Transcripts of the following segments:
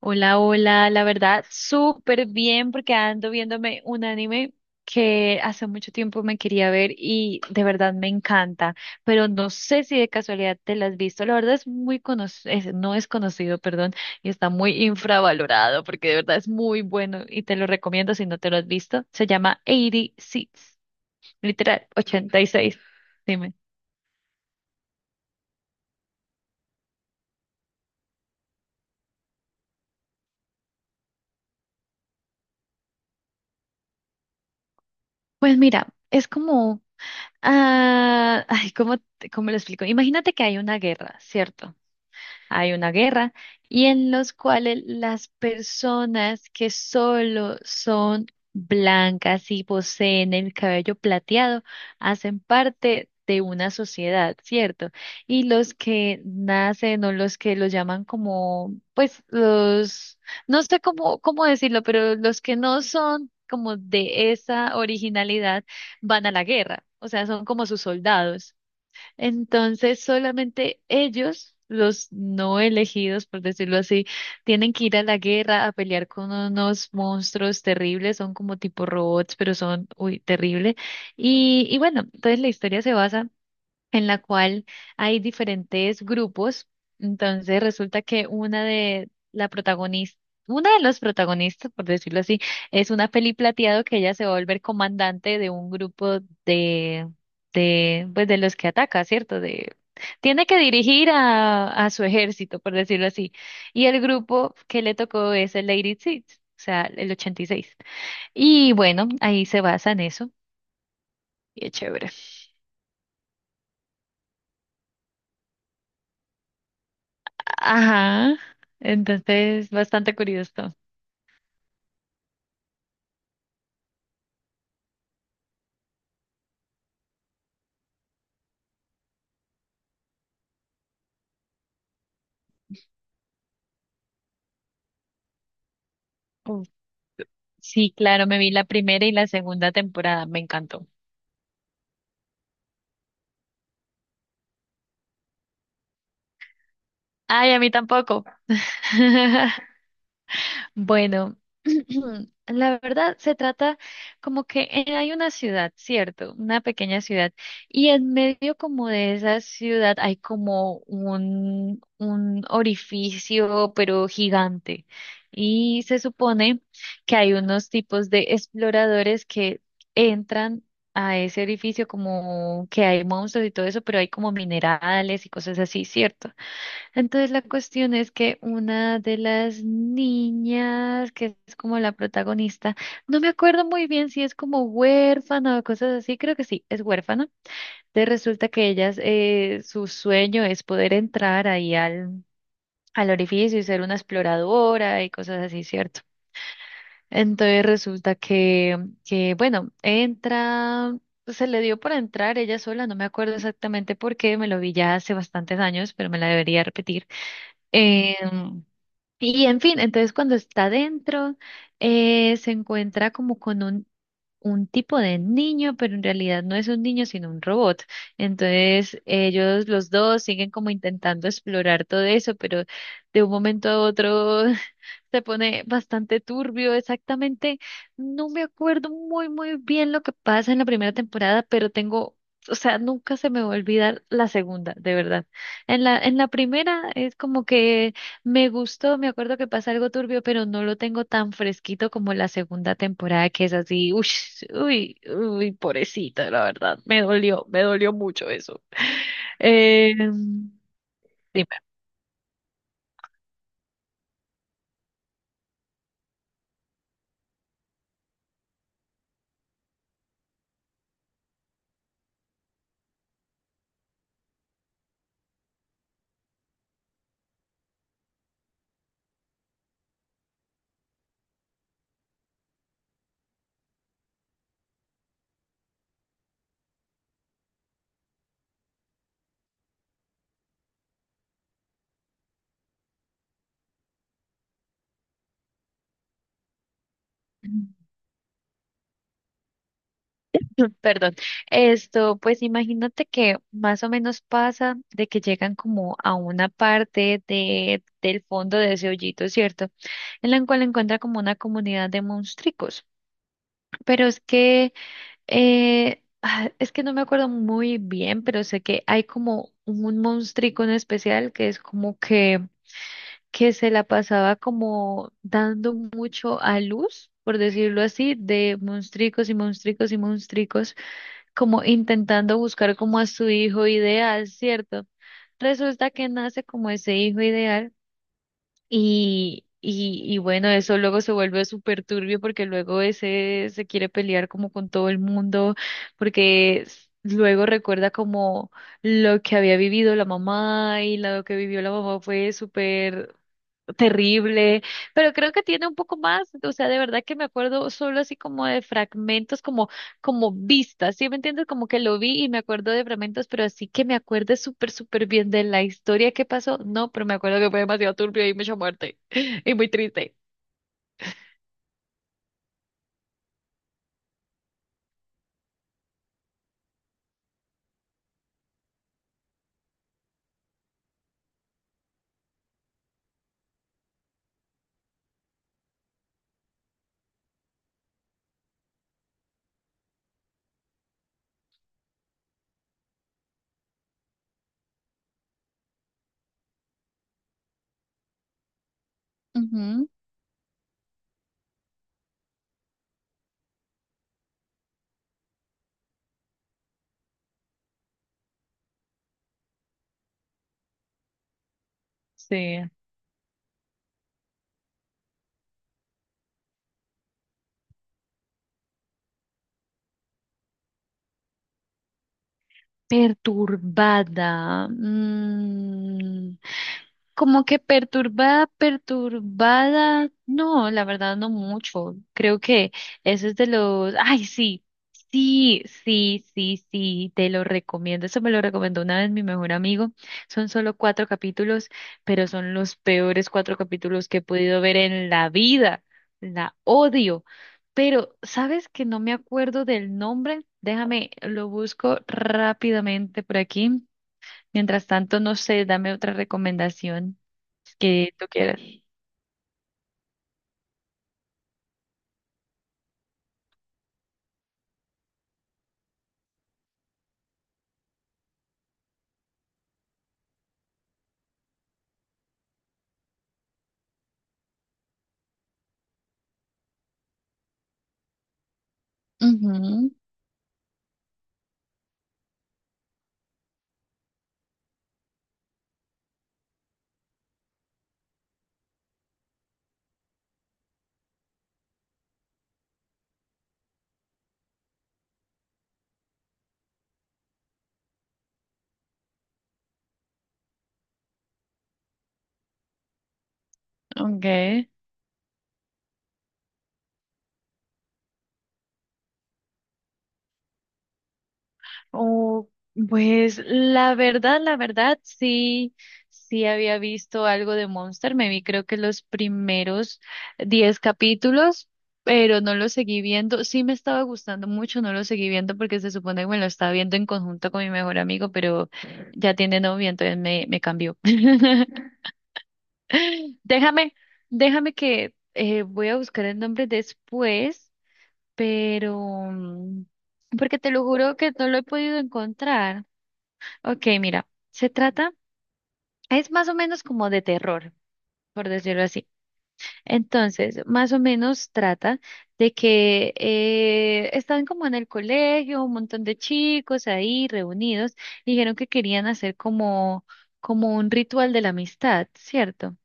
Hola, hola, la verdad, súper bien porque ando viéndome un anime que hace mucho tiempo me quería ver y de verdad me encanta, pero no sé si de casualidad te lo has visto, la verdad es muy conocido, no es conocido, perdón, y está muy infravalorado porque de verdad es muy bueno y te lo recomiendo si no te lo has visto, se llama 86, literal, 86. Dime. Pues mira, es como, ah, ay, ¿cómo, cómo lo explico? Imagínate que hay una guerra, ¿cierto? Hay una guerra y en los cuales las personas que solo son blancas y poseen el cabello plateado hacen parte de una sociedad, ¿cierto? Y los que nacen o los que los llaman como, pues los, no sé cómo decirlo, pero los que no son como de esa originalidad van a la guerra, o sea, son como sus soldados. Entonces, solamente ellos, los no elegidos, por decirlo así, tienen que ir a la guerra a pelear con unos monstruos terribles, son como tipo robots, pero son, uy, terrible. Y bueno, entonces la historia se basa en la cual hay diferentes grupos. Entonces resulta que una de la protagonista, una de los protagonistas, por decirlo así, es una peli plateado que ella se va a volver comandante de un grupo de, de, pues de los que ataca, ¿cierto? De, tiene que dirigir a su ejército, por decirlo así. Y el grupo que le tocó es el Lady Six, o sea, el 86. Y seis. Y bueno, ahí se basa en eso. Y es chévere. Ajá, entonces bastante curioso. Uf, sí, claro, me vi la primera y la segunda temporada, me encantó. Ay, a mí tampoco. Bueno, la verdad se trata como que hay una ciudad, ¿cierto? Una pequeña ciudad. Y en medio como de esa ciudad hay como un orificio, pero gigante. Y se supone que hay unos tipos de exploradores que entran a ese orificio como que hay monstruos y todo eso, pero hay como minerales y cosas así, ¿cierto? Entonces la cuestión es que una de las niñas, que es como la protagonista, no me acuerdo muy bien si es como huérfana o cosas así, creo que sí, es huérfana. Entonces resulta que ellas, su sueño es poder entrar ahí al orificio y ser una exploradora y cosas así, ¿cierto? Entonces resulta que, bueno, entra, se le dio por entrar ella sola, no me acuerdo exactamente por qué, me lo vi ya hace bastantes años, pero me la debería repetir. Em, y en fin, entonces cuando está dentro, se encuentra como con un tipo de niño, pero en realidad no es un niño, sino un robot. Entonces ellos los dos siguen como intentando explorar todo eso, pero de un momento a otro se pone bastante turbio, exactamente. No me acuerdo muy, muy bien lo que pasa en la primera temporada, pero tengo, o sea, nunca se me va a olvidar la segunda, de verdad. En la primera es como que me gustó, me acuerdo que pasa algo turbio, pero no lo tengo tan fresquito como la segunda temporada, que es así, uy, uy, uy, pobrecita, la verdad. Me dolió mucho eso. Eh, Dime. Perdón. Esto, pues imagínate que más o menos pasa de que llegan como a una parte del fondo de ese hoyito, ¿cierto? En la cual encuentra como una comunidad de monstruos. Pero es que no me acuerdo muy bien, pero sé que hay como un monstrico en especial que es como que se la pasaba como dando mucho a luz, por decirlo así, de monstricos y monstricos y monstricos como intentando buscar como a su hijo ideal, ¿cierto? Resulta que nace como ese hijo ideal y bueno, eso luego se vuelve súper turbio porque luego ese se quiere pelear como con todo el mundo porque luego recuerda como lo que había vivido la mamá y lo que vivió la mamá fue súper terrible, pero creo que tiene un poco más, o sea, de verdad que me acuerdo solo así como de fragmentos, como vistas, ¿sí me entiendes? Como que lo vi y me acuerdo de fragmentos, pero así que me acuerdo súper, súper bien de la historia que pasó, no, pero me acuerdo que fue demasiado turbio y mucha muerte y muy triste. Ujú. Sí. Perturbada. Como que perturbada, perturbada, no, la verdad no mucho. Creo que eso es de los, ay, sí, sí, sí, sí, sí, te lo recomiendo. Eso me lo recomendó una vez mi mejor amigo. Son solo cuatro capítulos, pero son los peores cuatro capítulos que he podido ver en la vida. La odio. Pero, ¿sabes que no me acuerdo del nombre? Déjame, lo busco rápidamente por aquí. Mientras tanto, no sé, dame otra recomendación que tú quieras. Ujú, okay. Oh, pues la verdad, sí, sí había visto algo de Monster. Me vi creo que los primeros 10 capítulos, pero no lo seguí viendo. Sí me estaba gustando mucho, no lo seguí viendo porque se supone que me lo estaba viendo en conjunto con mi mejor amigo, pero ya tiene novio, entonces me cambió. Déjame, déjame que voy a buscar el nombre después, pero mm, porque te lo juro que no lo he podido encontrar. Ok, mira, se trata, es más o menos como de terror, por decirlo así. Entonces, más o menos trata de que están como en el colegio, un montón de chicos ahí reunidos, y dijeron que querían hacer como un ritual de la amistad, ¿cierto?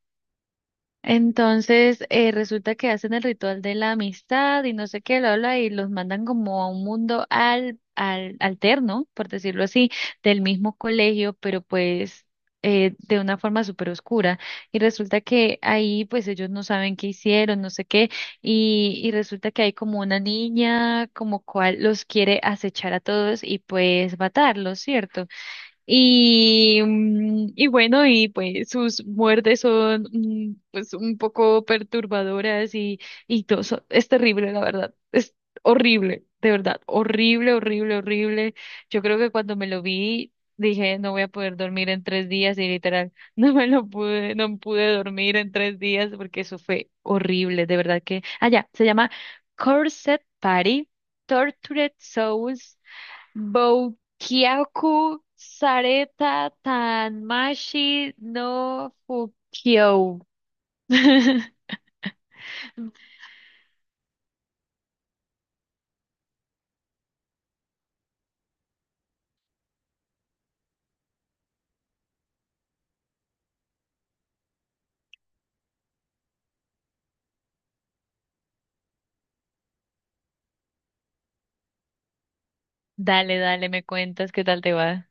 Entonces, resulta que hacen el ritual de la amistad y no sé qué, lo habla y los mandan como a un mundo al alterno, por decirlo así, del mismo colegio, pero pues de una forma súper oscura. Y resulta que ahí pues ellos no saben qué hicieron, no sé qué, y resulta que hay como una niña como cual los quiere acechar a todos y pues matarlos, ¿cierto? Y bueno, y pues sus muertes son pues un poco perturbadoras y todo eso. Es terrible, la verdad. Es horrible, de verdad. Horrible, horrible, horrible. Yo creo que cuando me lo vi, dije, no voy a poder dormir en 3 días y literal, no pude dormir en 3 días porque eso fue horrible, de verdad que. Ah, ya, se llama Corset Party, Tortured Souls. Boukyaku, Sareta, Tanmashi, no Fukyo. Dale, dale, me cuentas qué tal te va.